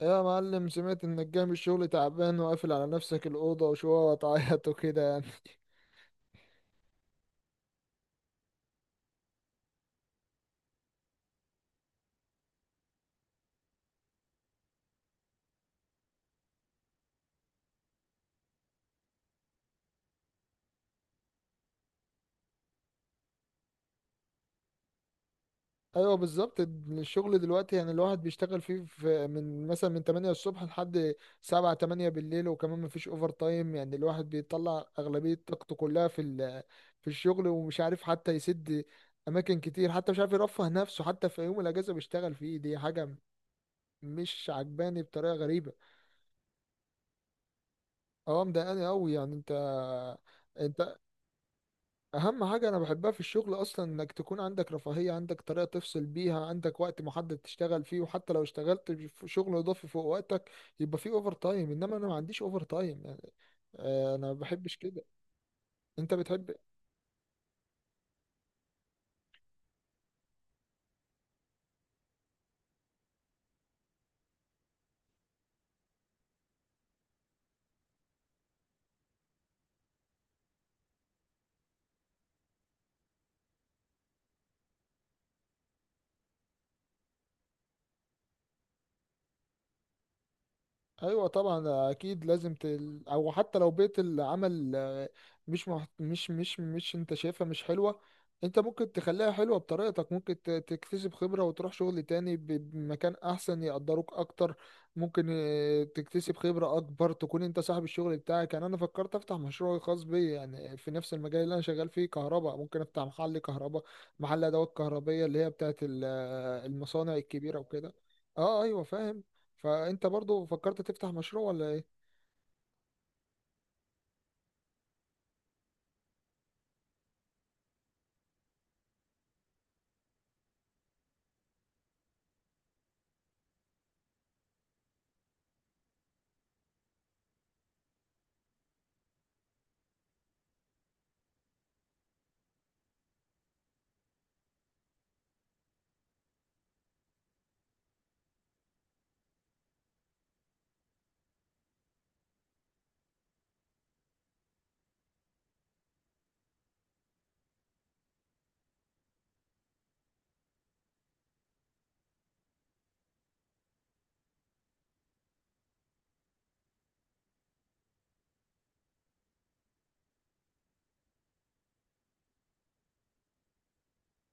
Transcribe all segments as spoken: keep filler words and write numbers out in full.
يا معلم، سمعت انك جاي من الشغل تعبان وقافل على نفسك الأوضة وشوية وتعيط وكده يعني. ايوه بالظبط، الشغل دلوقتي يعني الواحد بيشتغل فيه، في من مثلا من تمانية الصبح لحد سبعة تمانية بالليل، وكمان مفيش اوفر تايم. يعني الواحد بيطلع أغلبية طاقته كلها في ال- في الشغل، ومش عارف حتى يسد اماكن كتير، حتى مش عارف يرفه نفسه، حتى في يوم الاجازة بيشتغل فيه. دي حاجة مش عجباني بطريقة غريبة. اه مضايقاني قوي يعني. انت، انت اهم حاجة انا بحبها في الشغل اصلا انك تكون عندك رفاهية، عندك طريقة تفصل بيها، عندك وقت محدد تشتغل فيه، وحتى لو اشتغلت في شغل اضافي فوق وقتك يبقى فيه اوفر تايم. انما انا ما عنديش اوفر تايم يعني. آه، انا ما بحبش كده. انت بتحب؟ ايوه طبعا، اكيد لازم تل... او حتى لو بيئه العمل آه، مش مح... مش مش مش انت شايفها مش حلوه، انت ممكن تخليها حلوه بطريقتك، ممكن ت- تكتسب خبره وتروح شغل تاني ب- بمكان احسن يقدروك اكتر، ممكن آه، تكتسب خبره اكبر، تكون انت صاحب الشغل بتاعك. يعني انا فكرت افتح مشروع خاص بي يعني في نفس المجال اللي انا شغال فيه، كهرباء، ممكن افتح محل كهرباء، محل ادوات كهربيه اللي هي بتاعت ال- آه، المصانع الكبيره وكده. اه ايوه فاهم. فانت برضو فكرت تفتح مشروع ولا ايه؟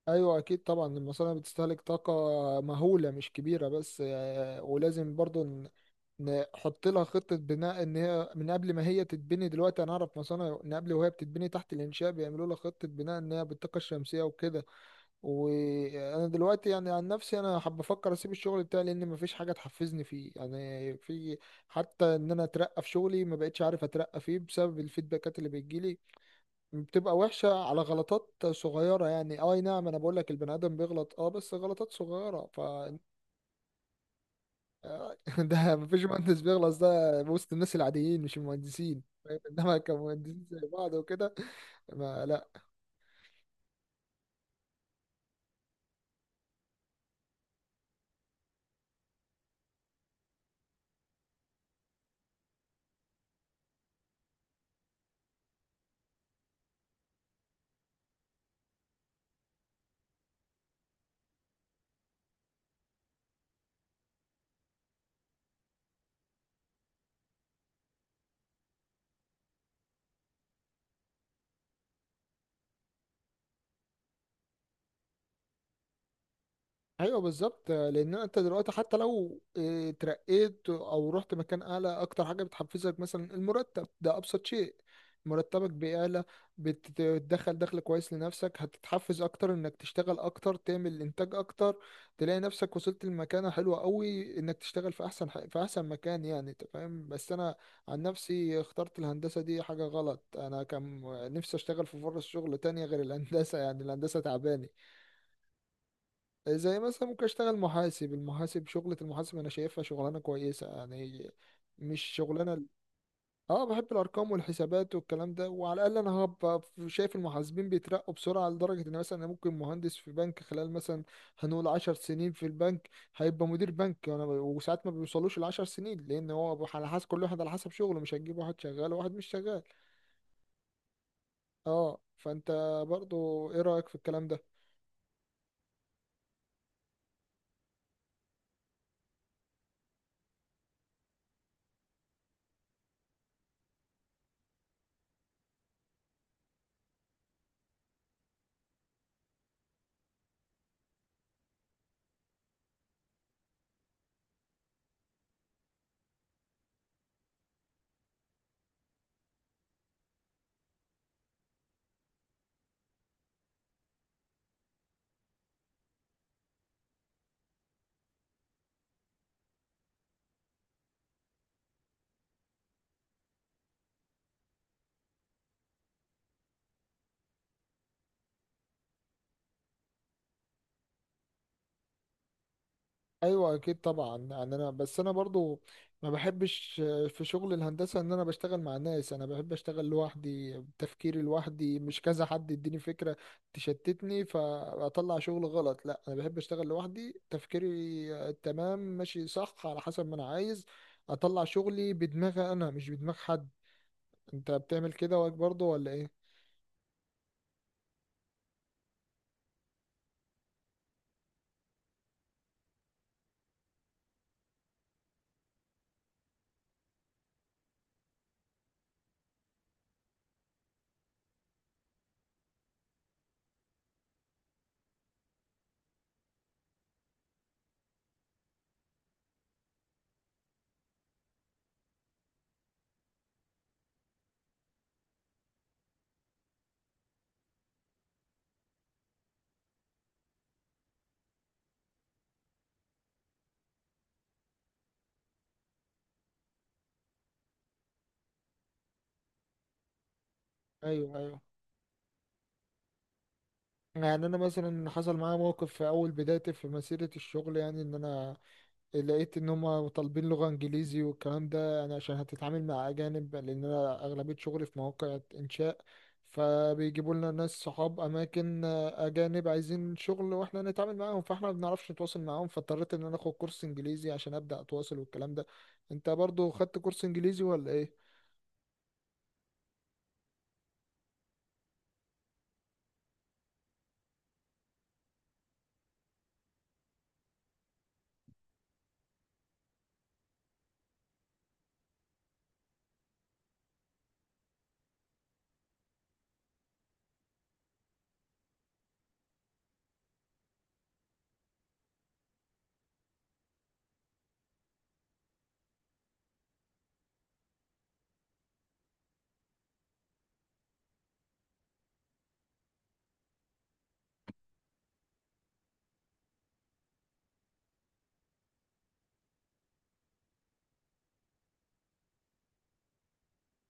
ايوه اكيد طبعا، المصانع بتستهلك طاقه مهوله مش كبيره بس. آه، ولازم برضو ن- نحط لها خطه بناء ان هي من قبل ما هي تتبني. دلوقتي انا اعرف مصانع من قبل وهي بتتبني تحت الانشاء بيعملوا لها خطه بناء ان هي بالطاقه الشمسيه وكده. وانا دلوقتي يعني عن نفسي انا حابب افكر اسيب الشغل بتاعي لان مفيش حاجه تحفزني فيه يعني. في حتى ان انا اترقى في شغلي ما بقتش عارف اترقى فيه بسبب الفيدباكات اللي بتجيلي، بتبقى وحشة على غلطات صغيرة. يعني اه اي نعم، انا بقول لك البني ادم بيغلط، اه بس غلطات صغيرة ف ده مفيش مهندس بيغلط. ده وسط الناس العاديين، مش المهندسين، فاهم؟ انما كمهندسين زي بعض وكده. ما لا. ايوه بالظبط، لان انت دلوقتي حتى لو آه، اترقيت او رحت مكان اعلى، اكتر حاجه بتحفزك مثلا المرتب، ده ابسط شيء. مرتبك بيعلى، بتدخل دخل كويس لنفسك، هتتحفز اكتر انك تشتغل اكتر، تعمل انتاج اكتر، تلاقي نفسك وصلت لمكانه حلوه قوي، انك تشتغل في احسن ح- في احسن مكان. يعني انت فاهم، بس انا عن نفسي اخترت الهندسه، دي حاجه غلط. انا كان نفسي اشتغل في فرص شغل تانية غير الهندسه، يعني الهندسه تعباني. زي مثلا ممكن اشتغل محاسب، المحاسب، شغلة المحاسب انا شايفها شغلانة كويسة، يعني مش شغلانة. اه بحب الارقام والحسابات والكلام ده، وعلى الاقل انا هبقى ف- شايف المحاسبين بيترقوا بسرعة، لدرجة ان مثلا انا ممكن مهندس في بنك، خلال مثلا هنقول عشر سنين في البنك هيبقى مدير بنك. وانا ب- وساعات ما بيوصلوش العشر سنين، لان هو ب- على حسب كل واحد، على حسب شغله، مش هتجيب واحد شغال وواحد مش شغال. اه فانت برضو ايه رأيك في الكلام ده؟ ايوه اكيد طبعا. يعني انا، بس انا برضو ما بحبش في شغل الهندسه ان انا بشتغل مع ناس. انا بحب اشتغل لوحدي، بتفكيري لوحدي، مش كذا حد يديني فكره تشتتني فاطلع شغل غلط. لا انا بحب اشتغل لوحدي، تفكيري تمام ماشي صح، على حسب ما انا عايز اطلع شغلي بدماغي انا، مش بدماغ حد. انت بتعمل كده واك برضو ولا ايه؟ ايوه ايوه. يعني انا مثلا حصل معايا موقف في اول بدايتي في مسيره الشغل، يعني ان انا لقيت ان هم طالبين لغة انجليزي والكلام ده، يعني عشان هتتعامل مع اجانب، لان انا اغلبية شغلي في مواقع انشاء. فبيجيبوا لنا ناس صحاب اماكن اجانب عايزين شغل واحنا نتعامل معاهم، فاحنا ما بنعرفش نتواصل معاهم، فاضطريت ان انا اخد كورس انجليزي عشان ابدا اتواصل والكلام ده. انت برضو خدت كورس انجليزي ولا ايه؟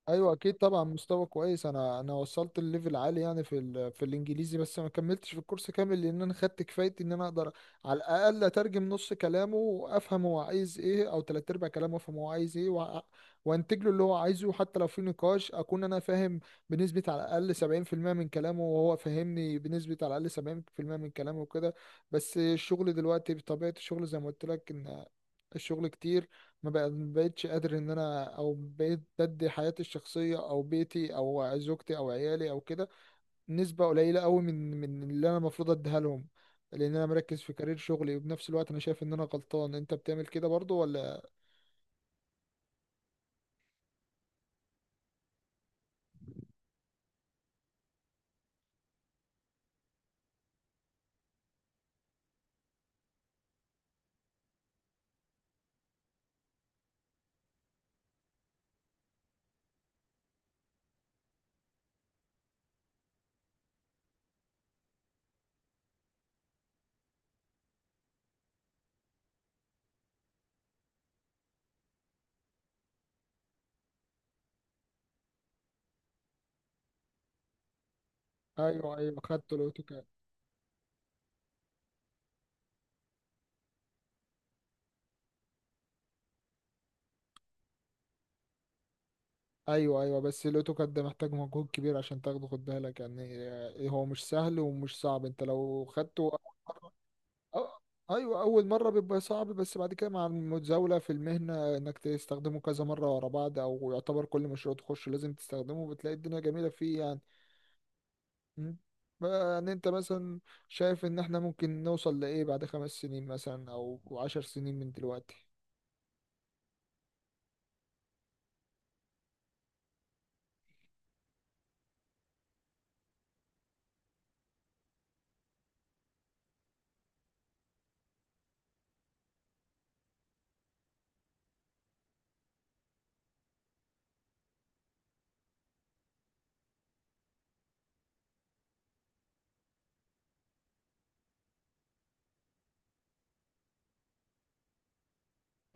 ايوه اكيد طبعا مستوى كويس. انا انا وصلت الليفل عالي يعني في ال... في الانجليزي، بس ما كملتش في الكورس كامل لان انا خدت كفايتي ان انا اقدر على الاقل اترجم نص كلامه وافهم هو عايز ايه، او تلات ارباع كلامه افهم هو عايز ايه و... وانتج له اللي هو عايزه، حتى لو في نقاش اكون انا فاهم بنسبة على الاقل سبعين في المية من كلامه، وهو فاهمني بنسبة على الاقل سبعين بالمية من كلامه وكده. بس الشغل دلوقتي بطبيعة الشغل، زي ما قلت لك، ان الشغل كتير، ما بق- ما بقتش قادر ان انا، او بقيت بدي حياتي الشخصيه او بيتي او زوجتي او عيالي او كده نسبه قليله قوي من من اللي انا المفروض اديها لهم، لان انا مركز في كارير شغلي. وبنفس الوقت انا شايف ان انا غلطان. انت بتعمل كده برضو ولا؟ ايوه ايوه، خدت الاوتوكاد. ايوه ايوه، بس الاوتوكاد ده محتاج مجهود كبير عشان تاخده، خد بالك يعني. آه، هو مش سهل ومش صعب، انت لو خدته أو- ايوه اول مره بيبقى صعب، بس بعد كده مع المتزاوله في المهنه انك تستخدمه كذا مره ورا بعض، او يعتبر كل مشروع تخش لازم تستخدمه، بتلاقي الدنيا جميله فيه يعني. م. بقى يعني انت مثلا شايف ان احنا ممكن نوصل لايه بعد خمس سنين مثلا، او عشر سنين من دلوقتي؟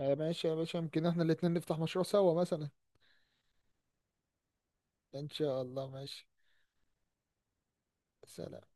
آه، ماشي يا باشا، يمكن احنا الاتنين نفتح مشروع سوا مثلا. ان شاء الله ماشي. سلام.